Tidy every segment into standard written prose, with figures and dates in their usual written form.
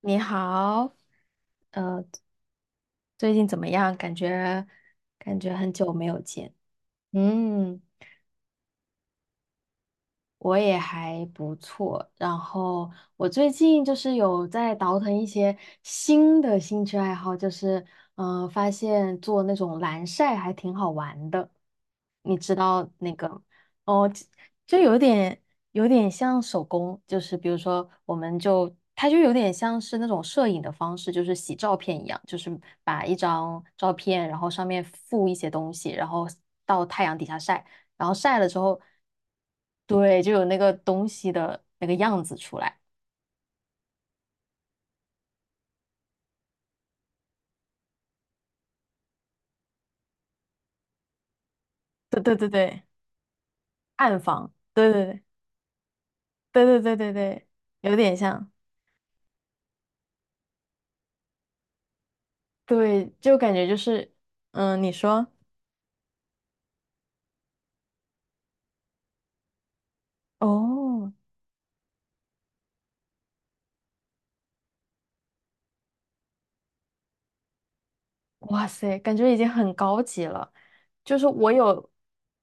你好，呃，最近怎么样？感觉很久没有见。嗯，我也还不错，然后我最近就是有在倒腾一些新的兴趣爱好，就是发现做那种蓝晒还挺好玩的。你知道那个哦，就有点像手工，就是比如说我们就它就有点像是那种摄影的方式，就是洗照片一样，就是把一张照片，然后上面附一些东西，然后到太阳底下晒。然后晒了之后，对，就有那个东西的那个样子出来。对对对对，暗房，对对对对对对对对，有点像，对，就感觉就是，嗯，你说，哦，哇塞，感觉已经很高级了，就是我有。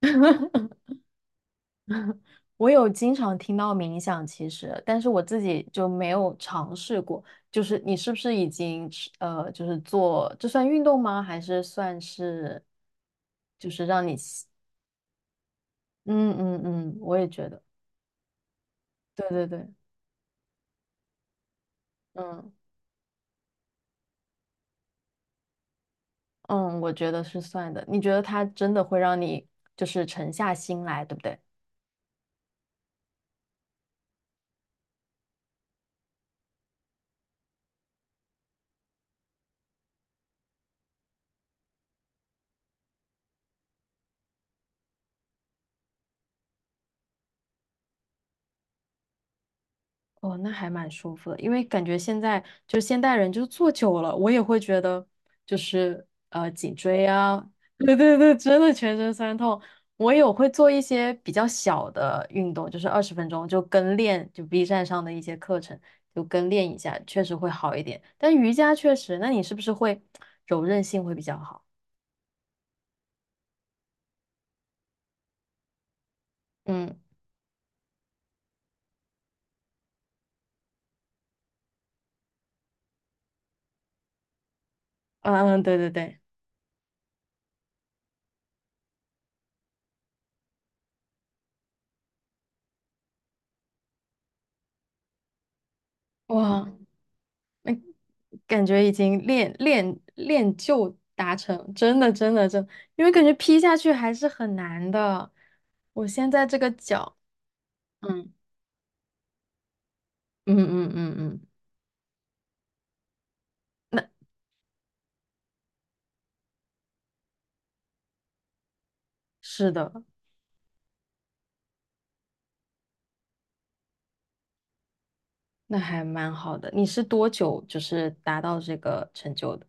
我有经常听到冥想，其实，但是我自己就没有尝试过。就是你是不是已经就是做，这算运动吗？还是算是，就是让你吸嗯嗯嗯，我也觉得，对对对，嗯嗯，我觉得是算的。你觉得它真的会让你就是沉下心来，对不对？哦，那还蛮舒服的，因为感觉现在就是现代人就坐久了，我也会觉得就是颈椎啊，对对对，真的全身酸痛。我有会做一些比较小的运动，就是二十分钟就跟练，就 B 站上的一些课程就跟练一下，确实会好一点。但瑜伽确实，那你是不是会柔韧性会比较好？嗯嗯，对对对，哇，感觉已经练练练就达成，真的真的真的因为感觉劈下去还是很难的。我现在这个脚，嗯嗯嗯嗯嗯，那是的，那还蛮好的。你是多久就是达到这个成就的？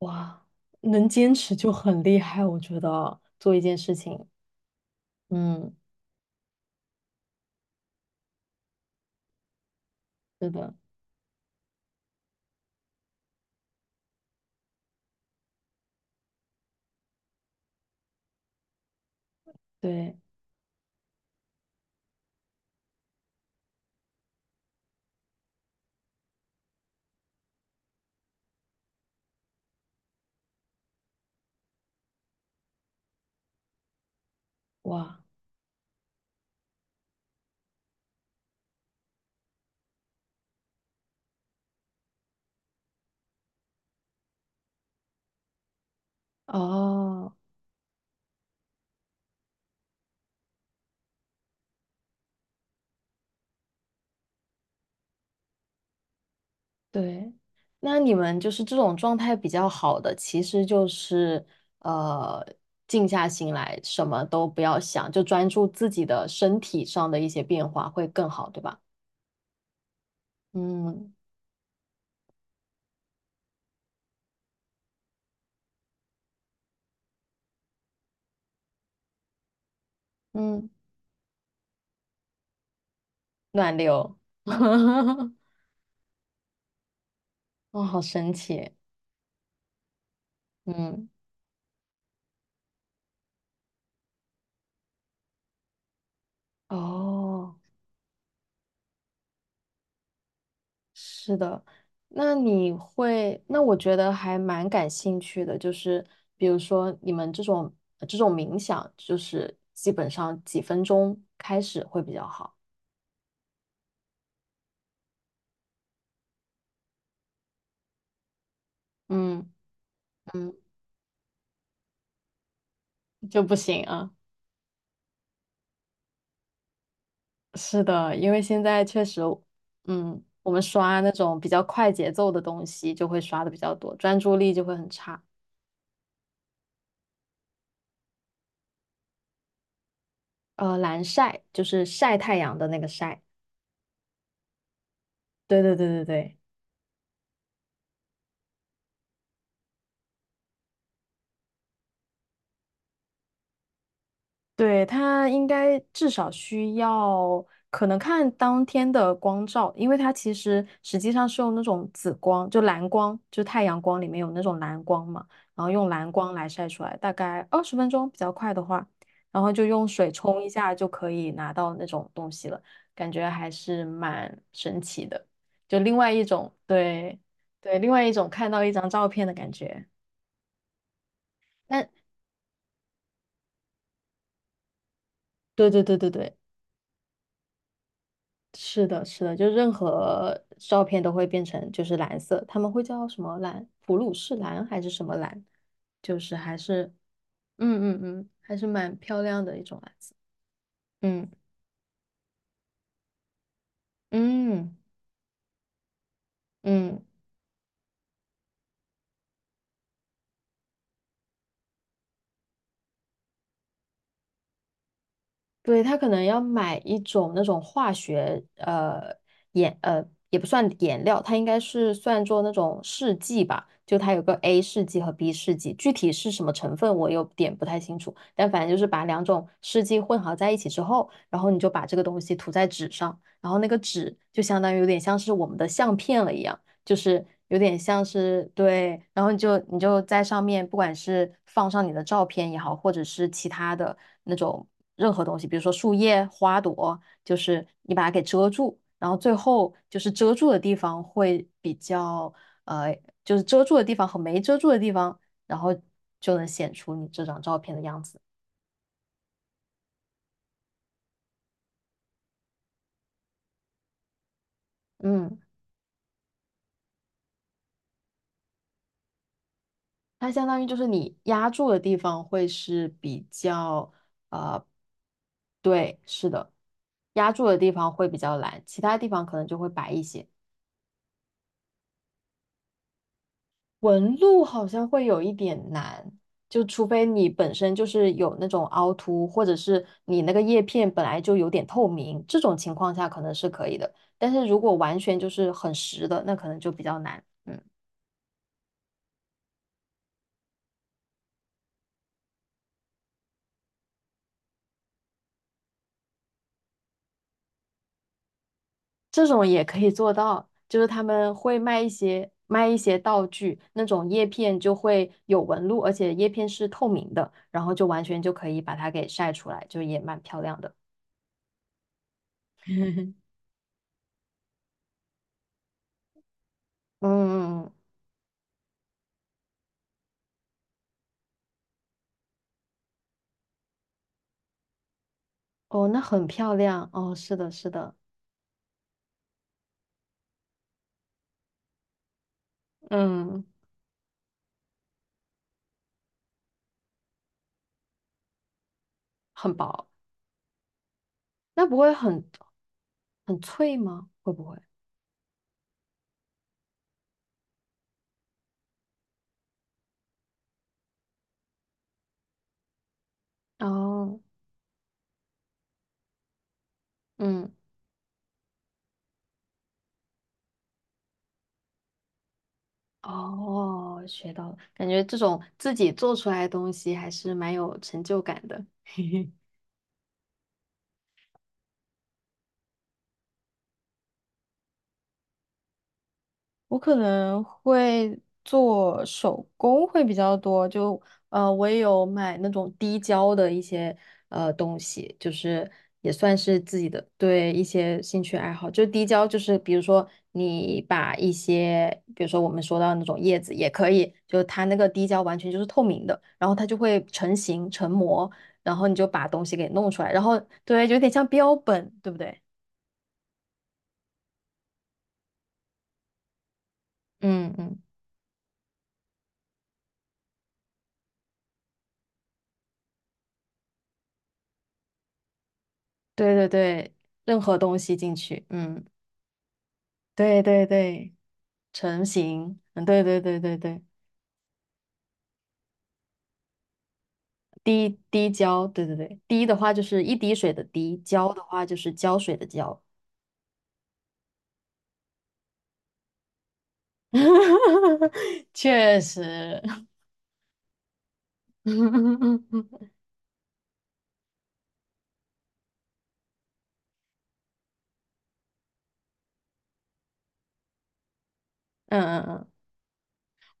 哇，能坚持就很厉害，我觉得做一件事情，嗯，是的，对，哇，哦。对，那你们就是这种状态比较好的，其实就是呃，静下心来，什么都不要想，就专注自己的身体上的一些变化会更好，对吧？嗯嗯，暖流，哦，好神奇，嗯，哦。是的，那你会，那我觉得还蛮感兴趣的，就是比如说你们这种冥想，就是基本上几分钟开始会比较好。嗯嗯，就不行啊。是的，因为现在确实，嗯，我们刷那种比较快节奏的东西就会刷的比较多，专注力就会很差。蓝晒就是晒太阳的那个晒。对对对对对。对，它应该至少需要，可能看当天的光照，因为它其实实际上是用那种紫光，就蓝光，就太阳光里面有那种蓝光嘛，然后用蓝光来晒出来，大概二十分钟比较快的话，然后就用水冲一下就可以拿到那种东西了，感觉还是蛮神奇的，就另外一种，对对，另外一种看到一张照片的感觉。但对对对对对，是的，是的，就任何照片都会变成就是蓝色，他们会叫什么蓝？普鲁士蓝还是什么蓝？就是还是嗯嗯嗯，还是蛮漂亮的一种蓝色。嗯嗯嗯，对，他可能要买一种那种化学呃颜呃也不算颜料，它应该是算作那种试剂吧，就它有个 A 试剂和 B 试剂，具体是什么成分我有点不太清楚，但反正就是把两种试剂混合在一起之后，然后你就把这个东西涂在纸上，然后那个纸就相当于有点像是我们的相片了一样，就是有点像是对，然后你就在上面，不管是放上你的照片也好，或者是其他的那种任何东西，比如说树叶、花朵，就是你把它给遮住，然后最后就是遮住的地方会比较呃，就是遮住的地方和没遮住的地方，然后就能显出你这张照片的样子。嗯。它相当于就是你压住的地方会是比较，呃，对，是的，压住的地方会比较蓝，其他地方可能就会白一些。纹路好像会有一点难，就除非你本身就是有那种凹凸，或者是你那个叶片本来就有点透明，这种情况下可能是可以的。但是如果完全就是很实的，那可能就比较难。嗯。这种也可以做到，就是他们会卖一些道具，那种叶片就会有纹路，而且叶片是透明的，然后就完全就可以把它给晒出来，就也蛮漂亮的。嗯，嗯哦，那很漂亮哦，是的，是的，嗯，很薄，那不会很脆吗？会不会？哦，嗯，哦，学到了，感觉这种自己做出来的东西还是蛮有成就感的。我可能会做手工会比较多，就我也有买那种滴胶的一些东西，就是也算是自己的对一些兴趣爱好。就滴胶，就是比如说你把一些，比如说我们说到那种叶子也可以，就它那个滴胶完全就是透明的，然后它就会成型成膜，然后你就把东西给弄出来，然后对，有点像标本，对不对？嗯嗯，对对对，任何东西进去，嗯。对对对，成型，嗯，对对对对对，滴胶，对对对，滴的话就是一滴水的滴，胶的话就是胶水的胶，确实，嗯嗯嗯，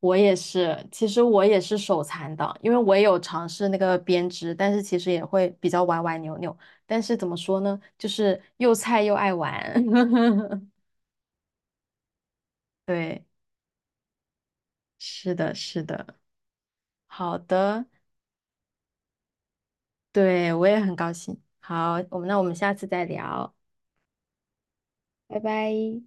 我也是，其实我也是手残党，因为我也有尝试那个编织，但是其实也会比较歪歪扭扭，但是怎么说呢，就是又菜又爱玩，对，是的，是的，好的。对，我也很高兴。好，那我们下次再聊，拜拜。